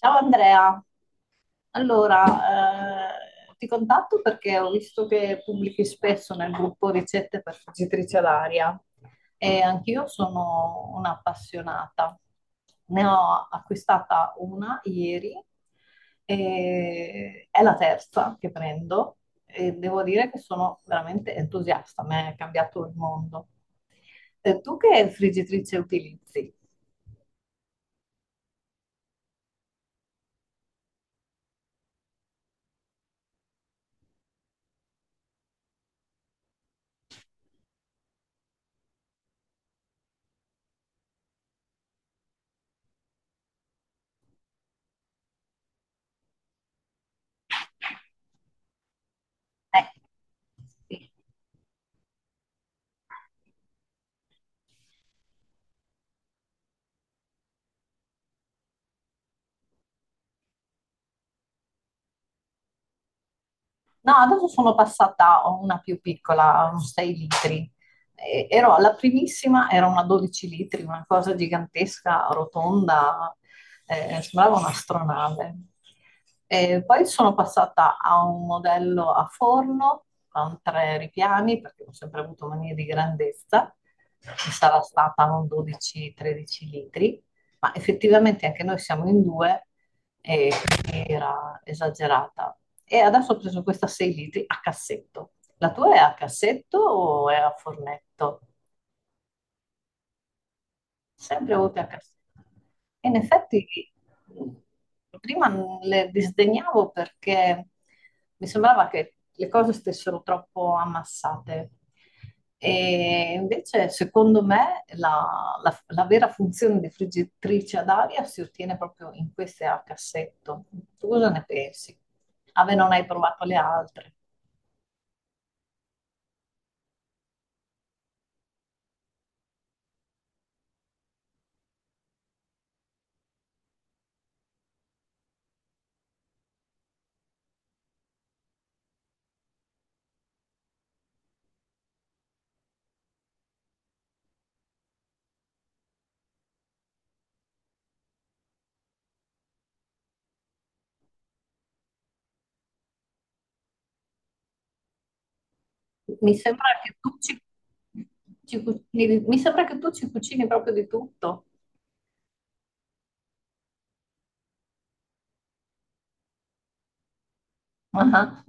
Ciao Andrea, allora ti contatto perché ho visto che pubblichi spesso nel gruppo ricette per friggitrice ad aria e anch'io sono un'appassionata. Ne ho acquistata una ieri e è la terza che prendo e devo dire che sono veramente entusiasta, mi è cambiato il mondo. Tu che friggitrice utilizzi? Eh, sì. No, adesso sono passata a una più piccola, un 6 litri. Ero alla primissima, era una 12 litri, una cosa gigantesca, rotonda, sembrava un'astronave. E poi sono passata a un modello a forno con tre ripiani, perché ho sempre avuto manie di grandezza, che sarà stata un 12-13 litri, ma effettivamente anche noi siamo in due e quindi era esagerata. E adesso ho preso questa 6 litri a cassetto. La tua è a cassetto o è a fornetto? Sempre oltre a Castello. E in effetti mh, prima le disdegnavo perché mi sembrava che le cose stessero troppo ammassate. E invece, secondo me, la vera funzione di friggitrice ad aria si ottiene proprio in queste a cassetto. Tu cosa ne pensi? Ave, non hai provato le altre. Mi sembra che tu ci cucini, mi sembra che tu ci cucini proprio di tutto. Ah, ah.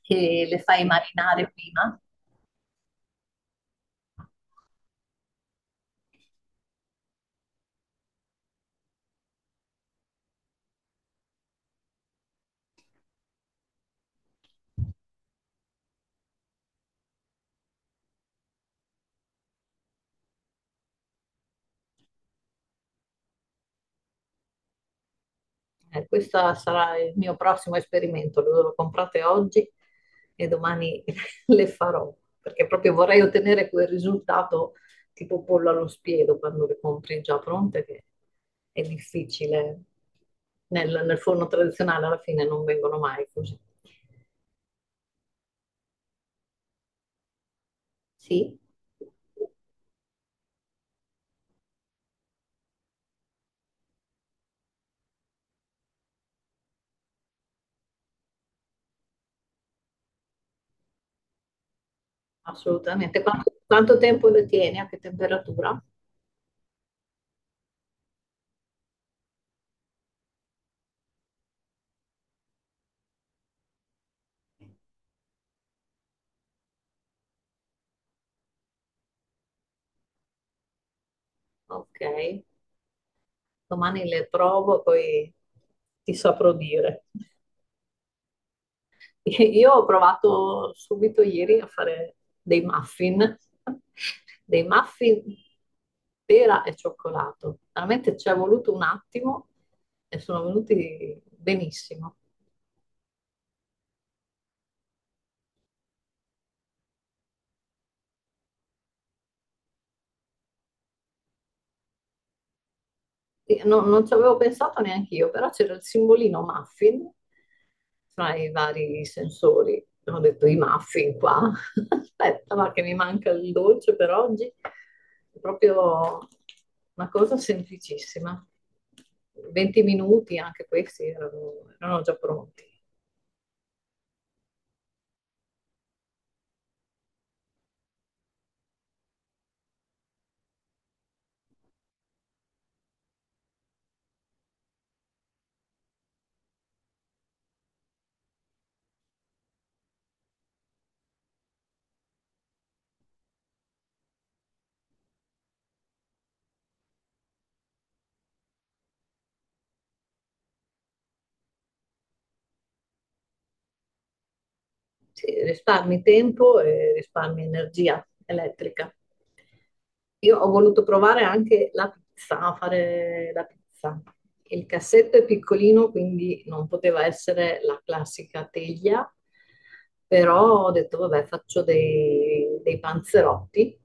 Che le fai marinare prima. Questo sarà il mio prossimo esperimento, lo comprate oggi e domani le farò, perché proprio vorrei ottenere quel risultato tipo pollo allo spiedo quando le compri già pronte, che è difficile. Nel forno tradizionale alla fine non vengono mai così. Sì, assolutamente. Quanto tempo le tieni? A che temperatura? Ok. Domani le trovo, poi ti saprò dire. Io ho provato subito ieri a fare dei muffin, dei muffin pera e cioccolato. Veramente ci è voluto un attimo e sono venuti benissimo. Sì, non ci avevo pensato neanche io, però c'era il simbolino muffin fra i vari sensori. Ho detto i muffin qua. Aspetta, ma che mi manca il dolce per oggi. È proprio una cosa semplicissima. 20 minuti, anche questi erano già pronti. Sì, risparmi tempo e risparmi energia elettrica. Io ho voluto provare anche la pizza, a fare la pizza. Il cassetto è piccolino, quindi non poteva essere la classica teglia, però ho detto, vabbè, faccio dei panzerotti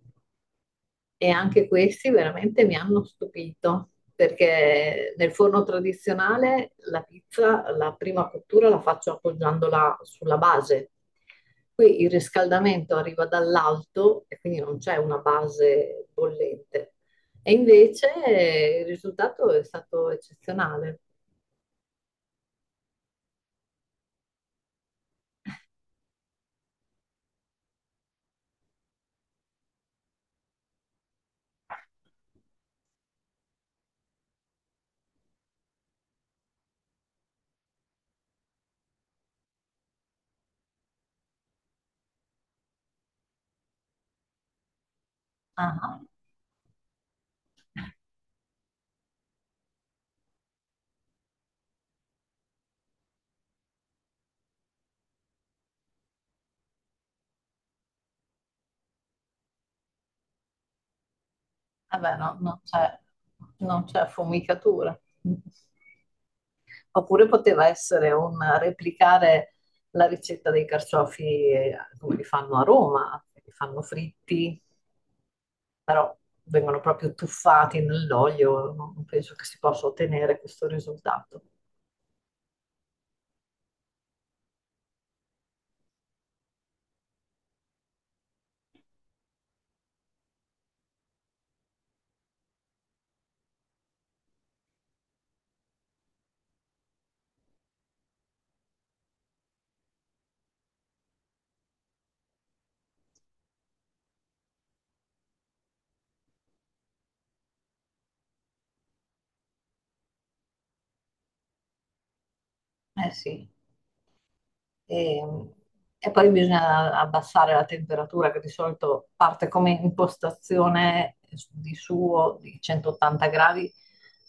e anche questi veramente mi hanno stupito, perché nel forno tradizionale la pizza, la prima cottura la faccio appoggiandola sulla base. Qui il riscaldamento arriva dall'alto e quindi non c'è una base bollente. E invece il risultato è stato eccezionale. Ah, vabbè, no, non c'è affumicatura. Oppure poteva essere un replicare la ricetta dei carciofi come li fanno a Roma, li fanno fritti, però vengono proprio tuffati nell'olio, non penso che si possa ottenere questo risultato. Eh sì. E, e poi bisogna abbassare la temperatura che di solito parte come impostazione di suo di 180 gradi.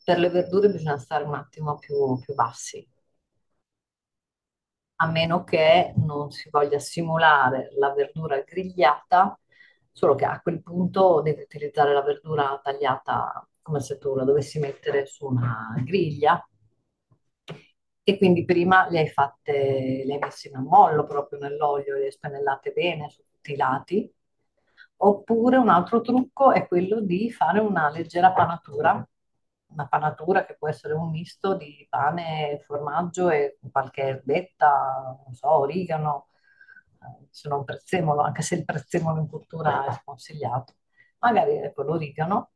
Per le verdure bisogna stare un attimo più bassi, a meno che non si voglia simulare la verdura grigliata, solo che a quel punto devi utilizzare la verdura tagliata come se tu la dovessi mettere su una griglia e quindi prima le hai fatte, le hai messe in ammollo proprio nell'olio, le hai spennellate bene su tutti i lati. Oppure un altro trucco è quello di fare una leggera panatura, una panatura che può essere un misto di pane, formaggio e qualche erbetta, non so, origano, se non prezzemolo, anche se il prezzemolo in cultura è sconsigliato. Magari ecco l'origano,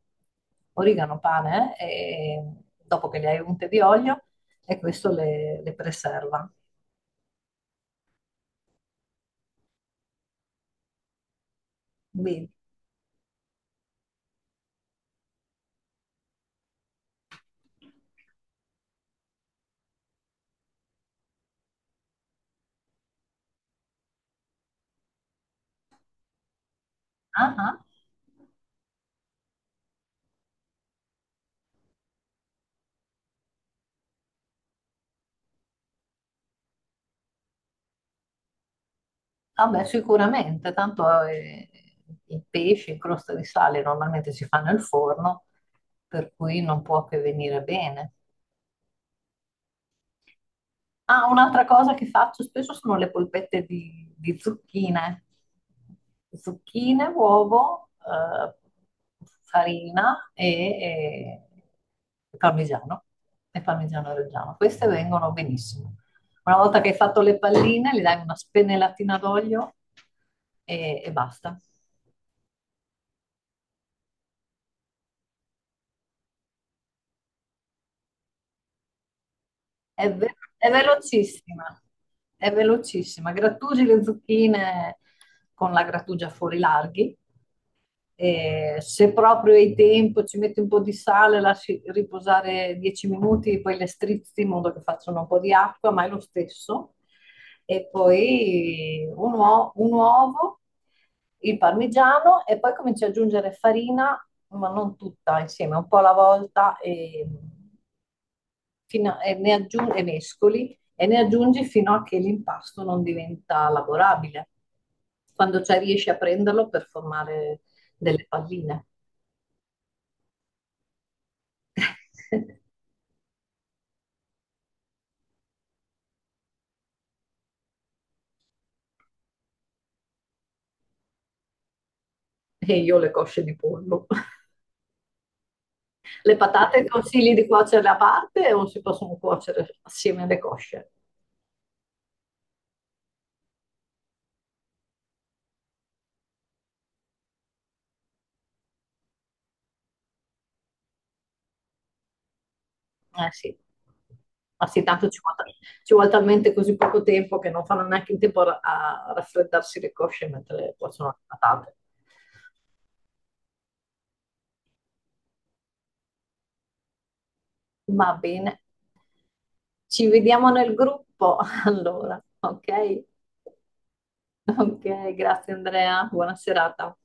origano, pane, e dopo che le hai unte di olio, e questo le preserva. Quindi, ah, ah. Vabbè, sicuramente, tanto i pesci in crosta di sale normalmente si fanno al forno, per cui non può che venire bene. Ah, un'altra cosa che faccio spesso sono le polpette di zucchine. Zucchine, uovo, farina e parmigiano. E parmigiano reggiano. Queste vengono benissimo. Una volta che hai fatto le palline, gli dai una spennellatina d'olio e basta. È velocissima, è velocissima. Grattugi le zucchine con la grattugia fuori larghi. E se proprio hai tempo, ci metti un po' di sale, lasci riposare 10 minuti, poi le strizzi in modo che facciano un po' di acqua, ma è lo stesso. E poi un uovo, il parmigiano e poi cominci ad aggiungere farina, ma non tutta insieme, un po' alla volta e, e ne aggiungi, e mescoli e ne aggiungi fino a che l'impasto non diventa lavorabile. Quando c'è riesci a prenderlo per formare delle palline. E io le cosce di pollo. Le patate consigli di cuocerle a parte o si possono cuocere assieme alle cosce? Eh sì, ma sì, tanto ci vuole talmente così poco tempo che non fanno neanche in tempo a raffreddarsi le cosce mentre cuociono le patate. Va bene, ci vediamo nel gruppo allora, ok? Ok, grazie Andrea, buona serata.